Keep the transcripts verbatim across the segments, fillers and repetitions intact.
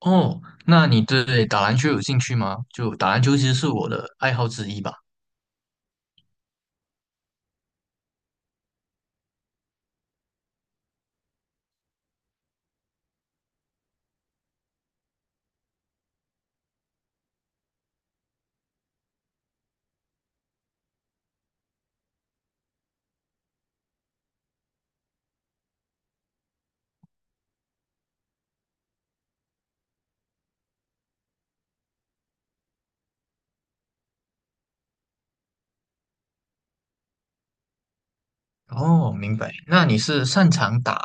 哦，那你对打篮球有兴趣吗？就打篮球其实是我的爱好之一吧。哦，明白。那你是擅长打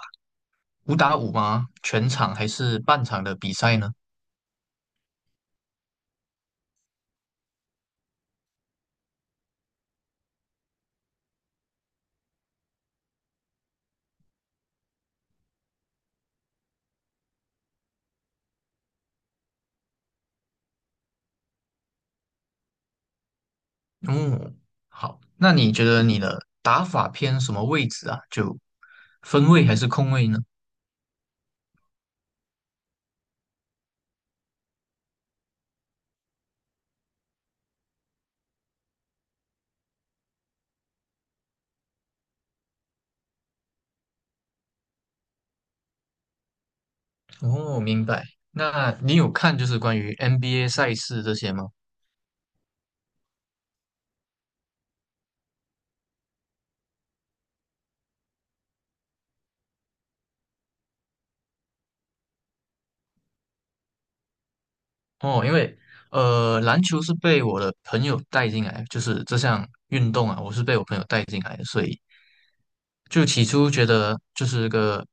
五打五吗？全场还是半场的比赛呢？哦，好。那你觉得你的打法偏什么位置啊？就分位还是控位呢？哦，明白。那你有看就是关于 N B A 赛事这些吗？哦，因为呃，篮球是被我的朋友带进来，就是这项运动啊，我是被我朋友带进来的，所以就起初觉得就是个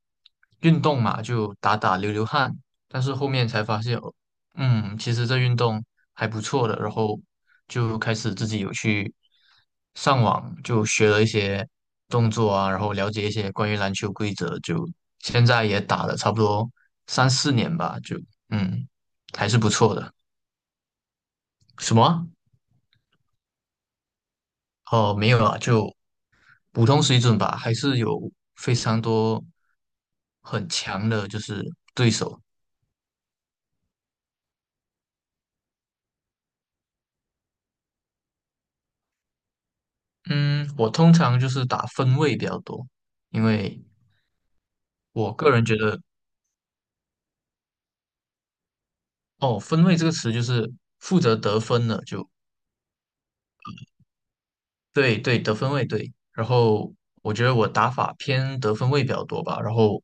运动嘛，就打打流流汗，但是后面才发现，哦嗯，其实这运动还不错的，然后就开始自己有去上网就学了一些动作啊，然后了解一些关于篮球规则，就现在也打了差不多三四年吧，就嗯，还是不错的。什么啊？哦，没有啊，就普通水准吧，还是有非常多很强的，就是对手。嗯，我通常就是打分位比较多，因为我个人觉得，哦，分位这个词就是负责得分的，就对对，得分位对。然后我觉得我打法偏得分位比较多吧，然后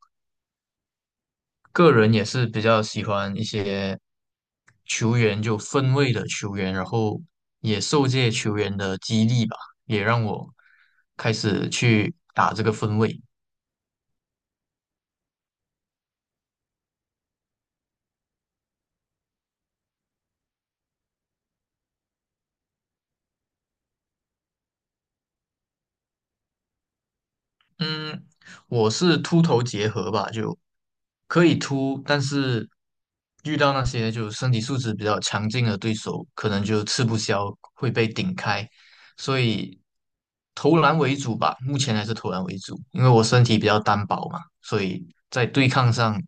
个人也是比较喜欢一些球员，就分位的球员，然后也受这些球员的激励吧，也让我开始去打这个分位。嗯，我是秃头结合吧，就可以秃，但是遇到那些就身体素质比较强劲的对手，可能就吃不消，会被顶开，所以投篮为主吧，目前还是投篮为主，因为我身体比较单薄嘛，所以在对抗上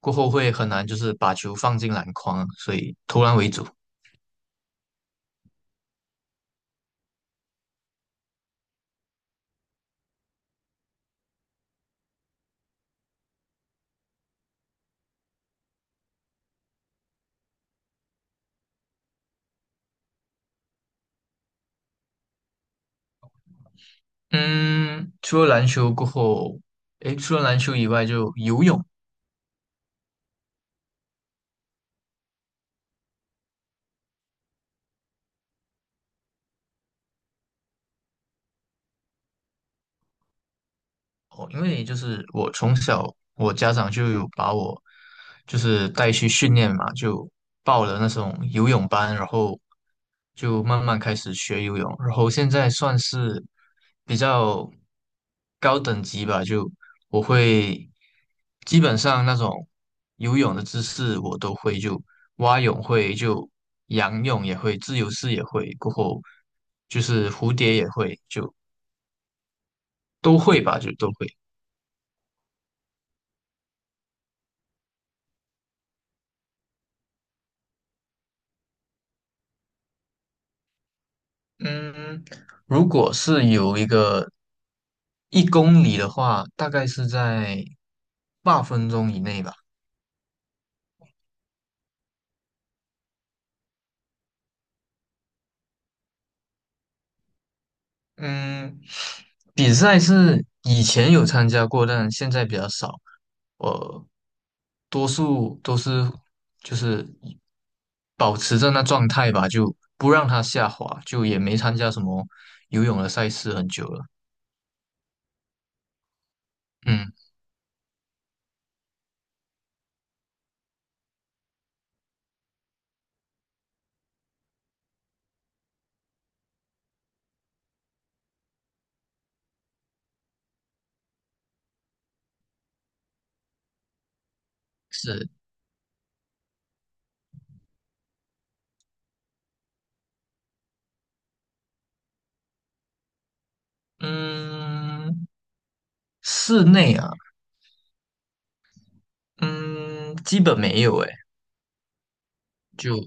过后会很难，就是把球放进篮筐啊，所以投篮为主。嗯，除了篮球过后，诶，除了篮球以外，就游泳。哦，因为就是我从小，我家长就有把我就是带去训练嘛，就报了那种游泳班，然后就慢慢开始学游泳，然后现在算是比较高等级吧，就我会基本上那种游泳的姿势我都会，就蛙泳会，就仰泳也会，自由式也会，过后就是蝴蝶也会，就都会吧，就都会。嗯，如果是有一个一公里的话，大概是在八分钟以内吧。嗯，比赛是以前有参加过，但现在比较少。我多数都是就是保持着那状态吧，就不让它下滑，就也没参加什么游泳的赛事很久了。嗯，是，嗯，室内啊，嗯，基本没有诶。就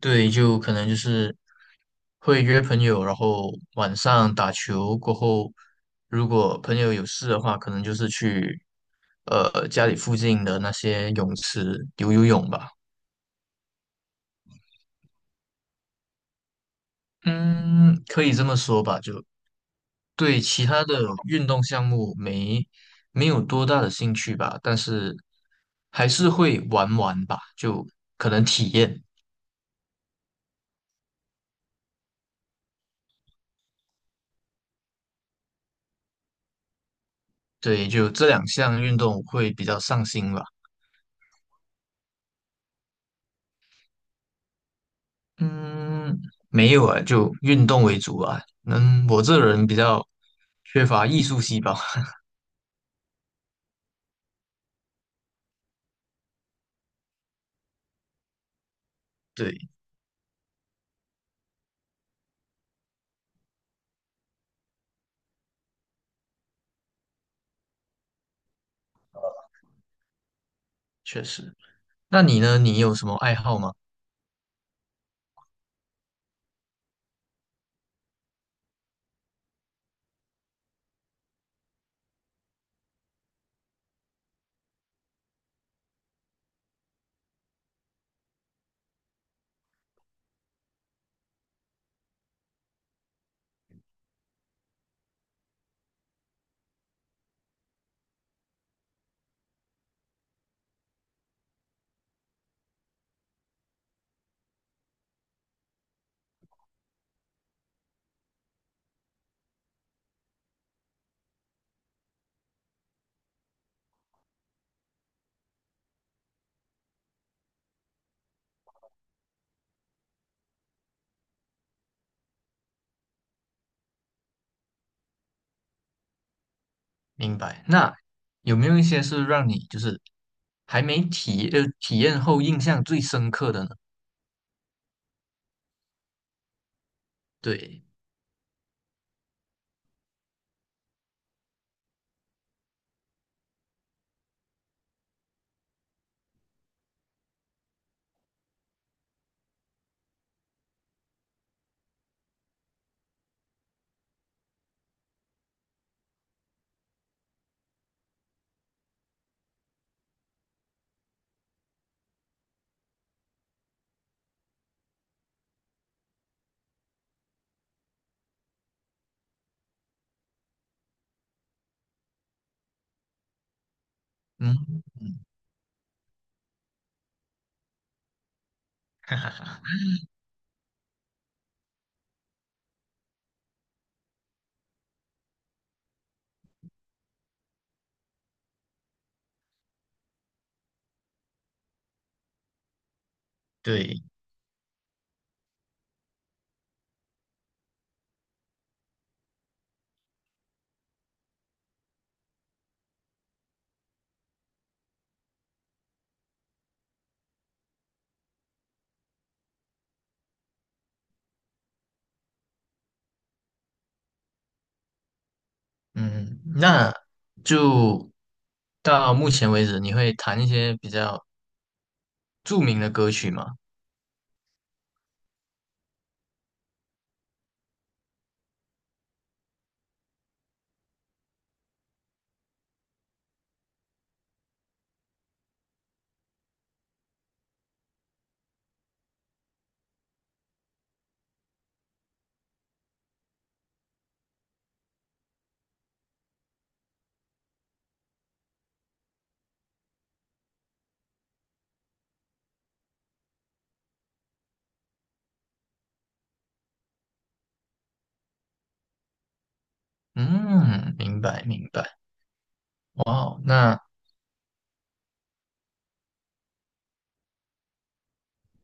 对，就可能就是会约朋友，然后晚上打球过后，如果朋友有事的话，可能就是去呃家里附近的那些泳池游游泳吧。嗯，可以这么说吧，就对其他的运动项目没没有多大的兴趣吧，但是还是会玩玩吧，就可能体验。对，就这两项运动会比较上心吧。嗯，没有啊，就运动为主啊。嗯，我这人比较缺乏艺术细胞。对，确实。那你呢？你有什么爱好吗？明白。那有没有一些是让你就是还没体呃体验后印象最深刻的呢？对，嗯，对，嗯，那就到目前为止，你会弹一些比较著名的歌曲吗？嗯，明白，明白。哇哦，那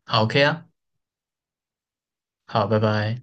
好，OK 啊。好，拜拜。